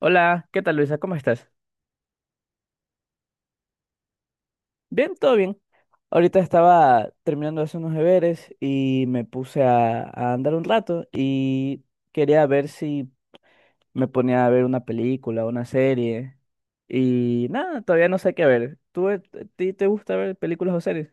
Hola, ¿qué tal Luisa? ¿Cómo estás? Bien, todo bien. Ahorita estaba terminando de hacer unos deberes y me puse a andar un rato y quería ver si me ponía a ver una película, una serie. Y nada, todavía no sé qué ver. ¿Tú, a ti te gusta ver películas o series?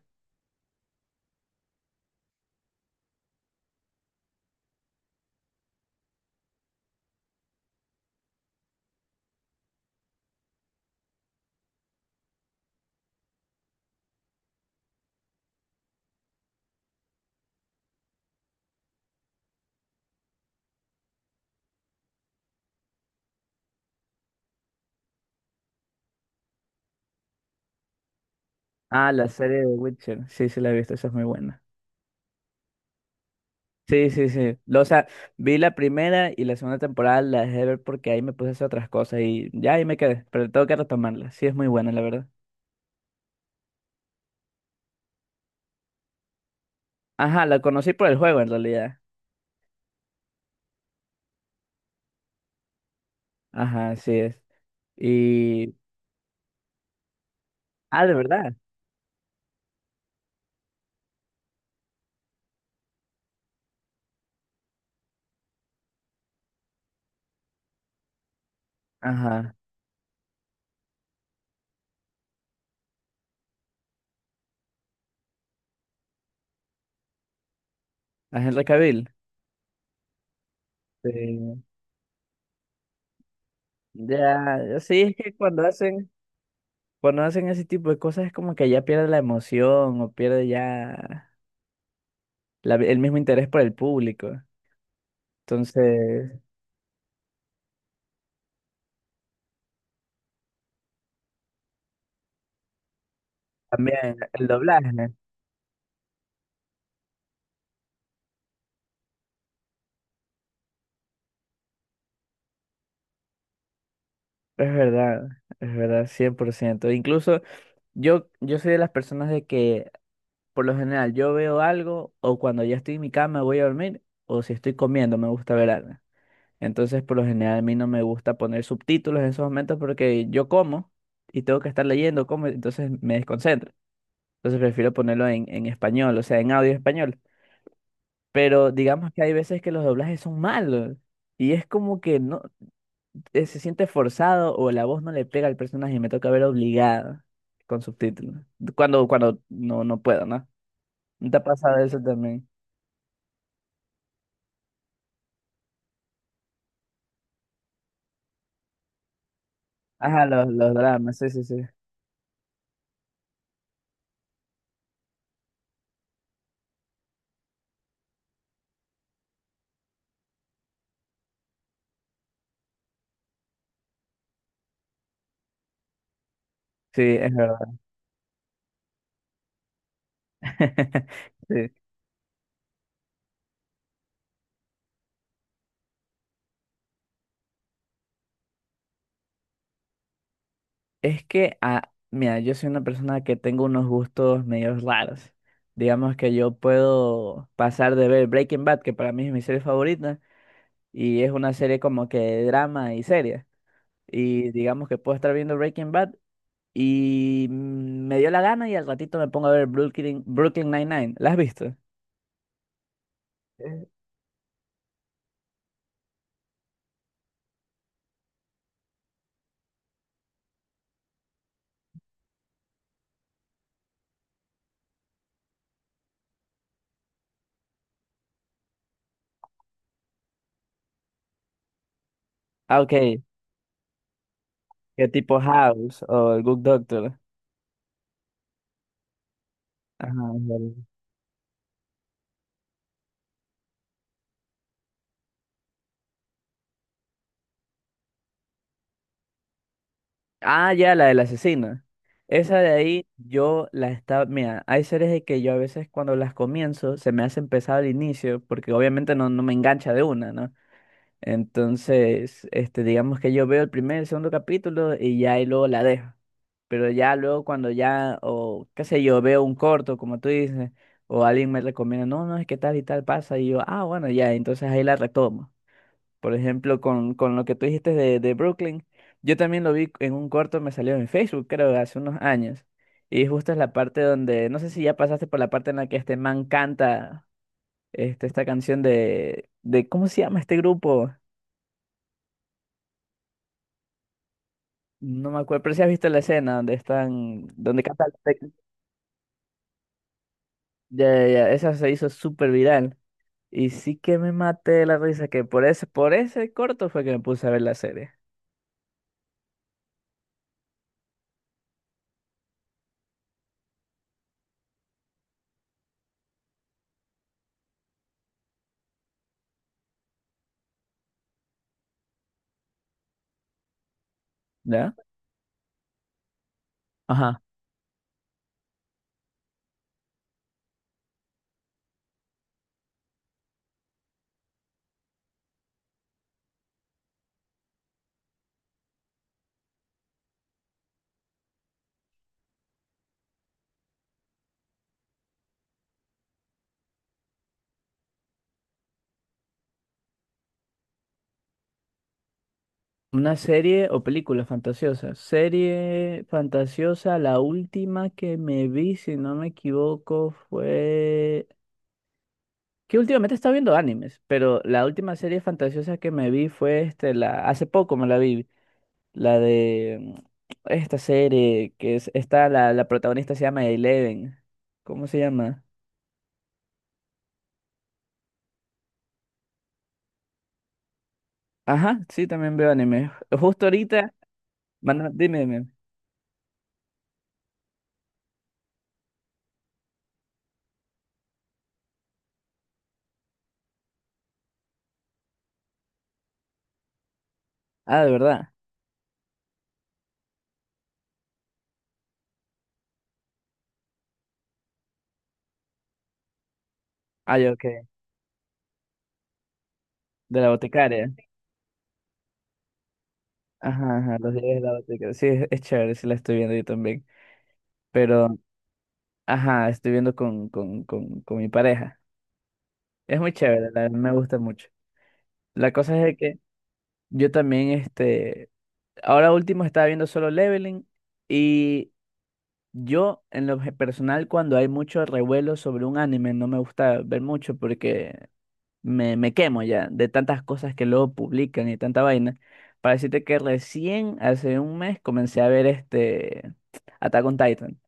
Ah, la serie de Witcher. Sí, sí, la he visto, esa es muy buena. Sí, sí, sí. O sea, vi la primera y la segunda temporada la dejé de ver porque ahí me puse a hacer otras cosas y ya ahí me quedé, pero tengo que retomarla. Sí, es muy buena, la verdad. Ajá, la conocí por el juego en realidad. Ajá, así es. Y... Ah, de verdad. Ajá. A Henry Cavill. Sí. Ya, ya sí, es que cuando hacen ese tipo de cosas es como que ya pierde la emoción o pierde ya el mismo interés por el público. Entonces, también el doblaje. Es verdad, es verdad, 100%. Incluso yo soy de las personas de que por lo general, yo veo algo o cuando ya estoy en mi cama voy a dormir o si estoy comiendo me gusta ver algo. Entonces, por lo general, a mí no me gusta poner subtítulos en esos momentos porque yo como y tengo que estar leyendo, como, entonces me desconcentro. Entonces prefiero ponerlo en español, o sea, en audio español. Pero digamos que hay veces que los doblajes son malos y es como que no, se siente forzado o la voz no le pega al personaje y me toca ver obligado con subtítulos. Cuando no, no puedo, ¿no? ¿No Te ha pasado eso también? Ajá, los dramas, sí, sí, sí. Sí, es verdad. Sí. Es que, ah, mira, yo soy una persona que tengo unos gustos medio raros. Digamos que yo puedo pasar de ver Breaking Bad, que para mí es mi serie favorita, y es una serie como que de drama y seria. Y digamos que puedo estar viendo Breaking Bad y me dio la gana y al ratito me pongo a ver Brooklyn Nine-Nine. ¿La has visto? Eh. Ah, ok. Que tipo House o el Good Doctor. Ajá. Ah, ya, la del asesino. Esa de ahí yo la estaba, mira, hay series de que yo a veces cuando las comienzo se me hace pesado al inicio porque obviamente no, no me engancha de una, ¿no? Entonces, este, digamos que yo veo el primer, el segundo capítulo y ya, y luego la dejo. Pero ya luego cuando ya, o qué sé yo, veo un corto, como tú dices, o alguien me recomienda, no, no, es que tal y tal pasa y yo, ah, bueno, ya, entonces ahí la retomo. Por ejemplo, con lo que tú dijiste de Brooklyn, yo también lo vi en un corto, me salió en Facebook, creo, hace unos años. Y justo es la parte donde, no sé si ya pasaste por la parte en la que este man canta esta canción de, ¿cómo se llama este grupo? No me acuerdo, pero si has visto la escena donde están, donde canta el ya, ya, ya, esa se hizo súper viral. Y sí que me maté de la risa, que por por ese corto fue que me puse a ver la serie, ¿ya? Una serie o película fantasiosa. Serie fantasiosa, la última que me vi, si no me equivoco, fue... Que últimamente estaba viendo animes, pero la última serie fantasiosa que me vi fue este, la... Hace poco me la vi, la de esta serie que es... Está la protagonista se llama Eleven. ¿Cómo se llama? Ajá, sí, también veo anime. Justo ahorita, dime, dime. Ah, de verdad. Ah, ya, ok. De la boticaria. Ajá, ajá, los días de la Vaticana. Sí, es chévere, sí la estoy viendo yo también. Pero, ajá, estoy viendo con mi pareja. Es muy chévere, la, verdad, me gusta mucho. La cosa es de que yo también, este, ahora último estaba viendo Solo Leveling y yo, en lo personal, cuando hay mucho revuelo sobre un anime, no me gusta ver mucho porque me quemo ya de tantas cosas que luego publican y tanta vaina. Para decirte que recién, hace 1 mes, comencé a ver este... Attack on Titan.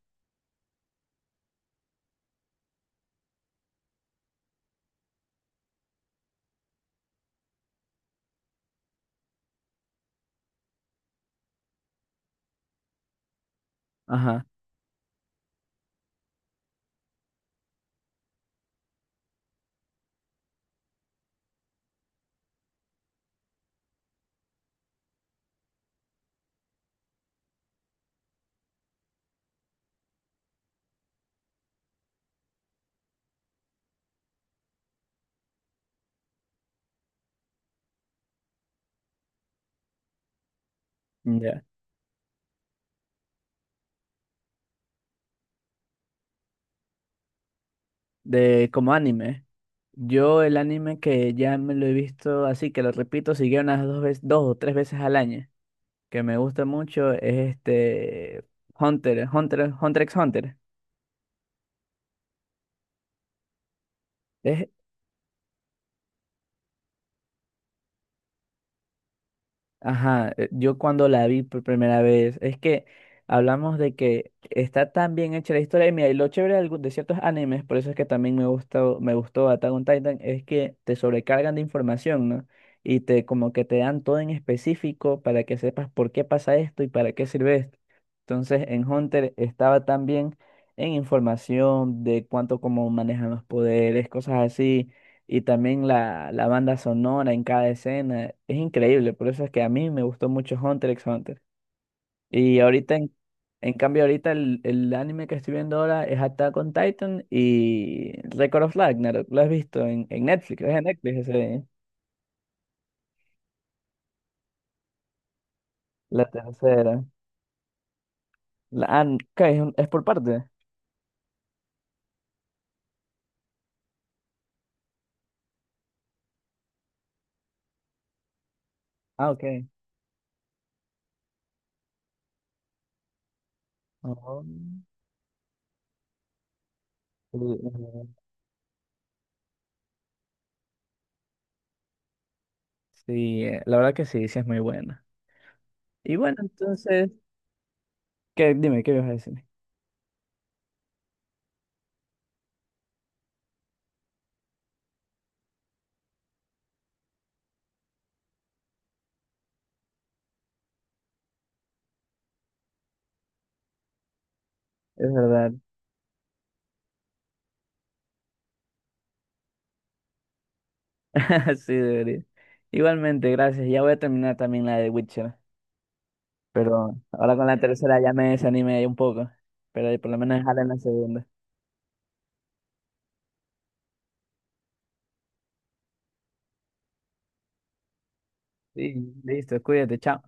Ajá, ya. De como anime. Yo el anime que ya me lo he visto así, que lo repito, sigue unas dos veces, dos o tres veces al año, que me gusta mucho, es este Hunter x Hunter. Es ajá, yo cuando la vi por primera vez, es que hablamos de que está tan bien hecha la historia. Y mira, y lo chévere de, de ciertos animes, por eso es que también me gustó Attack on Titan, es que te sobrecargan de información, ¿no? Y te como que te dan todo en específico para que sepas por qué pasa esto y para qué sirve esto. Entonces, en Hunter estaba también en información de cuánto cómo manejan los poderes, cosas así, y también la banda sonora en cada escena. Es increíble, por eso es que a mí me gustó mucho Hunter x Hunter. Y ahorita, en cambio, ahorita el anime que estoy viendo ahora es Attack on Titan y Record of Ragnarok. Lo has visto en Netflix, es en Netflix ese, la tercera. La, ah, ok, es, es por parte. Ah, ok. Oh, sí, sí, la verdad que sí, sí es muy buena. Y bueno, entonces, ¿qué, dime, qué ibas a decir? Es verdad. Así debería. Igualmente, gracias. Ya voy a terminar también la de Witcher. Pero ahora con la tercera ya me desanimé ahí un poco. Pero por lo menos dejarla en la segunda. Sí, listo, cuídate, chao.